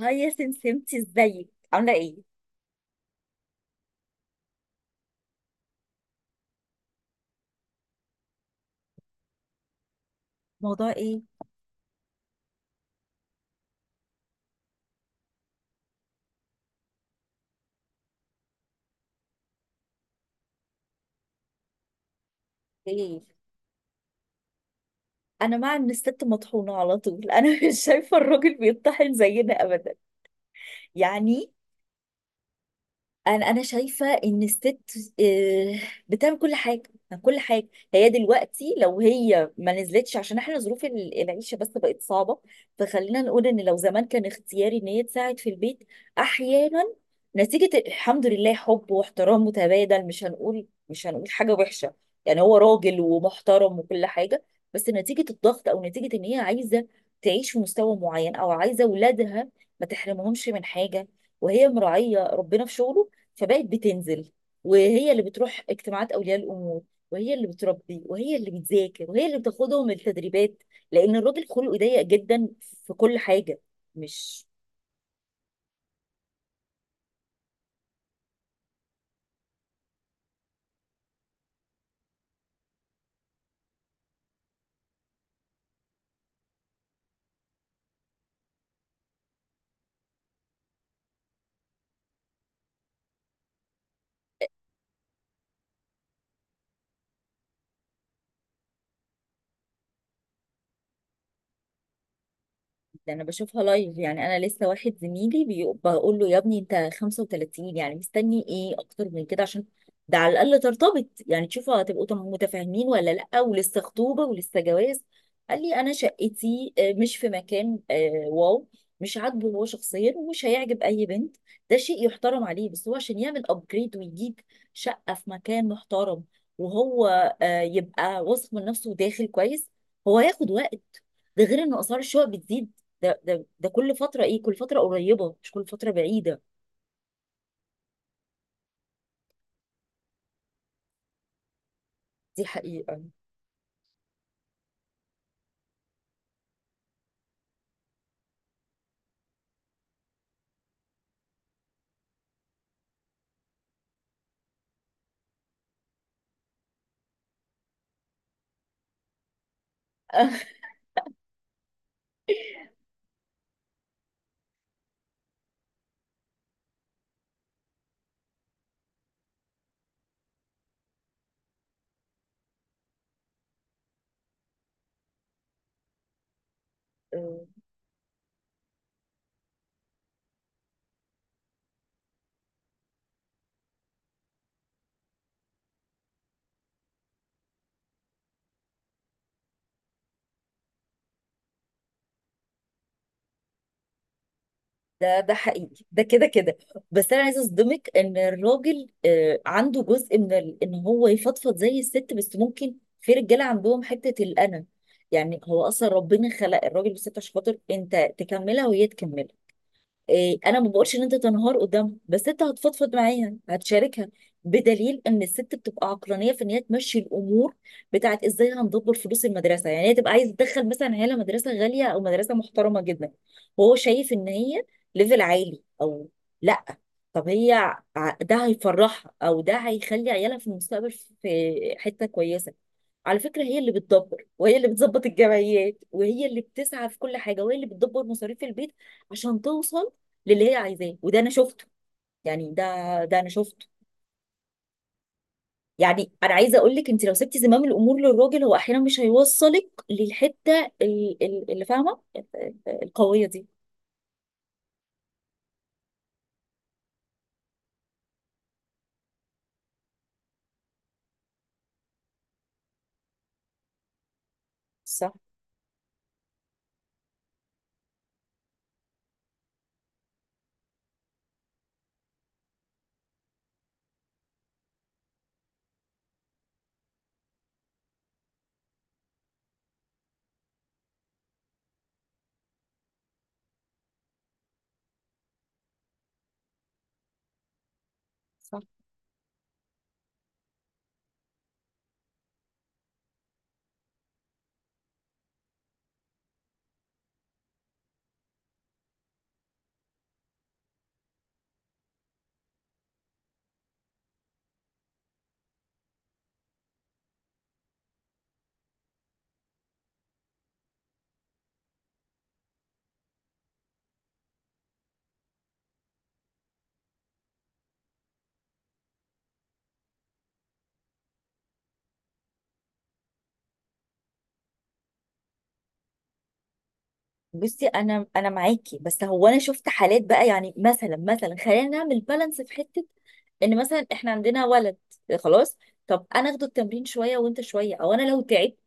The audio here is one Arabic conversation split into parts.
هاي يا سمسمتي، ازيك؟ عامله ايه؟ موضوع ايه؟ ايه؟ انا مع ان الست مطحونه على طول. انا مش شايفه الراجل بيطحن زينا ابدا، يعني. انا شايفه ان الست آه، بتعمل كل حاجه، كل حاجه. هي دلوقتي لو هي ما نزلتش، عشان احنا ظروف العيشه بس بقت صعبه. فخلينا نقول ان لو زمان كان اختياري ان هي تساعد في البيت احيانا، نتيجه الحمد لله حب واحترام متبادل، مش هنقول، مش هنقول حاجه وحشه، يعني هو راجل ومحترم وكل حاجه. بس نتيجه الضغط، او نتيجه ان هي عايزه تعيش في مستوى معين، او عايزه اولادها ما تحرمهمش من حاجه، وهي مراعيه ربنا في شغله، فبقت بتنزل، وهي اللي بتروح اجتماعات اولياء الامور، وهي اللي بتربي، وهي اللي بتذاكر، وهي اللي بتاخدهم التدريبات، لان الراجل خلقه ضيق جدا في كل حاجه. مش ده انا بشوفها لايف. يعني انا لسه واحد زميلي بقول له: يا ابني، انت 35، يعني مستني ايه اكتر من كده؟ عشان ده على الاقل ترتبط، يعني تشوفوا هتبقوا متفاهمين ولا لا، ولسه خطوبه ولسه جواز. قال لي: انا شقتي مش في مكان، واو، مش عاجبه هو شخصيا ومش هيعجب اي بنت. ده شيء يحترم عليه، بس هو عشان يعمل ابجريد ويجيب شقه في مكان محترم، وهو يبقى واثق من نفسه وداخل كويس، هو هياخد وقت. ده غير ان اسعار الشقق بتزيد، ده كل فترة. ايه؟ كل فترة قريبة، مش كل فترة بعيدة. دي حقيقة. ده حقيقي، ده كده كده. بس انا عايزه اصدمك ان الراجل عنده جزء من ان هو يفضفض زي الست، بس ممكن في رجاله عندهم حته الانا. يعني هو اصلا ربنا خلق الراجل والست عشان خاطر انت تكملها وهي تكملها. انا ما بقولش ان انت تنهار قدامها، بس انت هتفضفض معاها، هتشاركها. بدليل ان الست بتبقى عقلانيه في ان هي تمشي الامور بتاعت ازاي هندبر فلوس المدرسه، يعني هي تبقى عايزه تدخل مثلا عيالها مدرسه غاليه او مدرسه محترمه جدا، وهو شايف ان هي ليفل عالي، او لا. طب هي ده هيفرحها، او ده هيخلي عيالها في المستقبل في حته كويسه. على فكرة هي اللي بتدبر، وهي اللي بتظبط الجمعيات، وهي اللي بتسعى في كل حاجة، وهي اللي بتدبر مصاريف البيت عشان توصل للي هي عايزاه. وده انا شفته، يعني ده، ده انا شفته. يعني انا عايزه اقول لك، انت لو سبتي زمام الامور للراجل، هو احيانا مش هيوصلك للحته، اللي فاهمه. القويه دي. صح، صح. بصي، انا معاكي، بس هو انا شفت حالات بقى، يعني مثلا، مثلا خلينا نعمل بالانس في حته. ان مثلا احنا عندنا ولد، خلاص، طب انا اخده التمرين شويه وانت شويه، او انا لو تعبت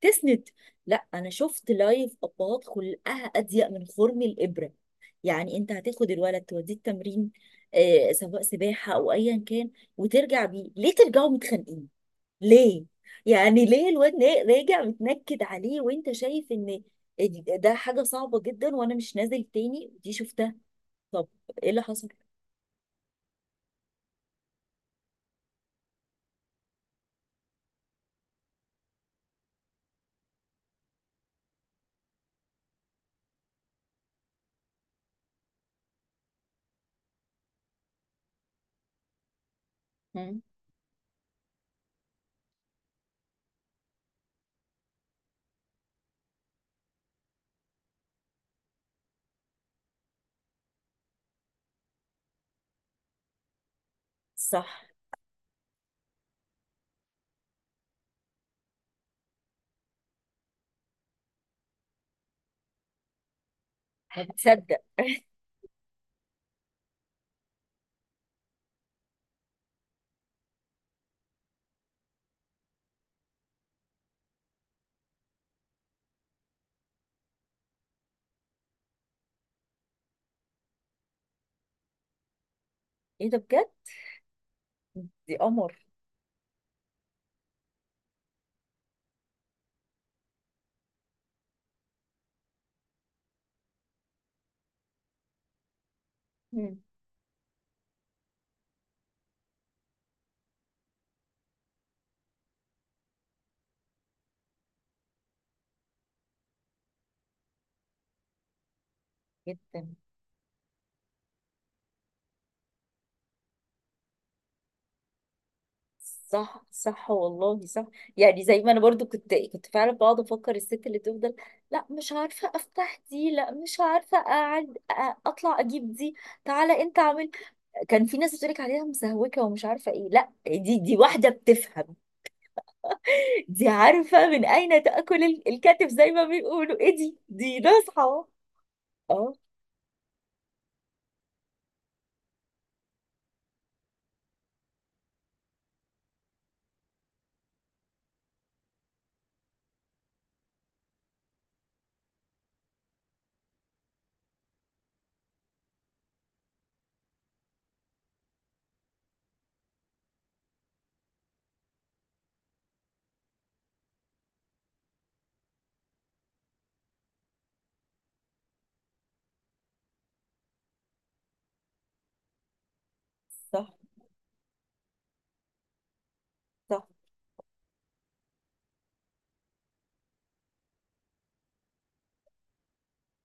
تسند. لا، انا شفت لايف ابهات خلقها اضيق من خرم الابره. يعني انت هتاخد الولد توديه التمرين، آه، سواء سباحه او ايا كان، وترجع بيه ليه ترجعوا متخانقين؟ ليه؟ يعني ليه الواد راجع متنكد عليه، وانت شايف ان ده حاجه صعبه جدا وانا مش نازل تاني؟ دي شفتها. طب ايه اللي حصل؟ مم. صح. هتصدق؟ ايه ده بجد؟ دي قمر. مم. جدا. صح، صح، والله صح. يعني زي ما انا برضو كنت فعلا بقعد افكر الست اللي تفضل: لا مش عارفه افتح دي، لا مش عارفه اقعد، اطلع اجيب دي، تعالى انت اعمل، كان في ناس بتقولك عليها مسهوكه ومش عارفه ايه، لا، دي، دي واحده بتفهم، دي عارفه من اين تاكل الكتف زي ما بيقولوا. ايه؟ دي، دي ناصحه. اه، صح، صح.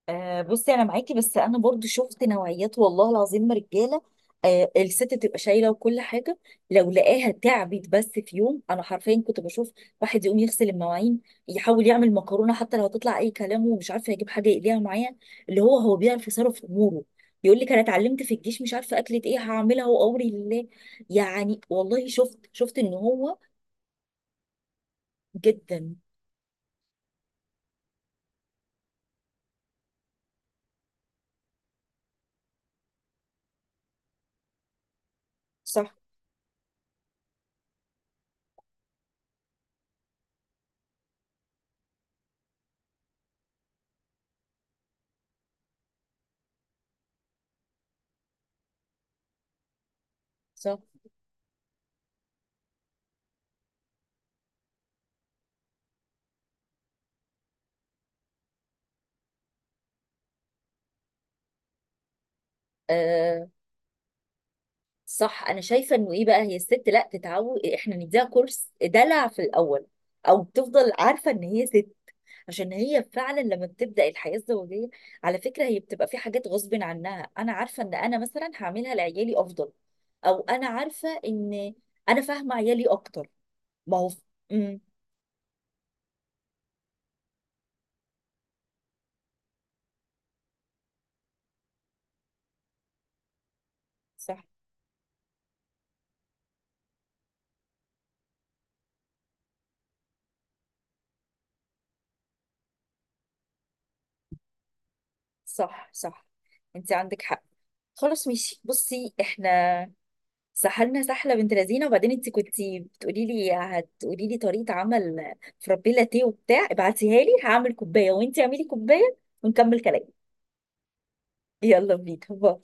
آه، بصي انا معاكي، بس انا برضو شفت نوعيات، والله العظيم، رجاله، آه، الست تبقى شايله وكل حاجه، لو لقاها تعبت بس في يوم، انا حرفيا كنت بشوف واحد يقوم يغسل المواعين، يحاول يعمل مكرونه حتى لو هتطلع اي كلام، ومش عارفه يجيب حاجه يقليها معايا، اللي هو هو بيعرف يصرف اموره، يقول لك انا اتعلمت في الجيش مش عارفه اكله ايه هعملها وامري لله. يعني والله شفت ان هو جدا. صح، صح، آه، صح. انا شايفه انه ايه بقى، هي الست لا تتعود، احنا نديها كورس دلع في الاول، او تفضل عارفه ان هي ست، عشان هي فعلا لما بتبدا الحياه الزوجيه، على فكره، هي بتبقى في حاجات غصب عنها. انا عارفه ان انا مثلا هعملها لعيالي افضل، او انا عارفه ان انا فاهمه عيالي اكتر. ما هو، امم صح، صح، صح، انت عندك حق. خلاص، ماشي. بصي، احنا سحلنا، سحله بنت لذينه. وبعدين انت كنتي بتقولي لي، هتقولي لي طريقه عمل فرابي لاتيه وبتاع، ابعتيها لي هعمل كوبايه وانت اعملي كوبايه، ونكمل كلام. يلا بينا، باي.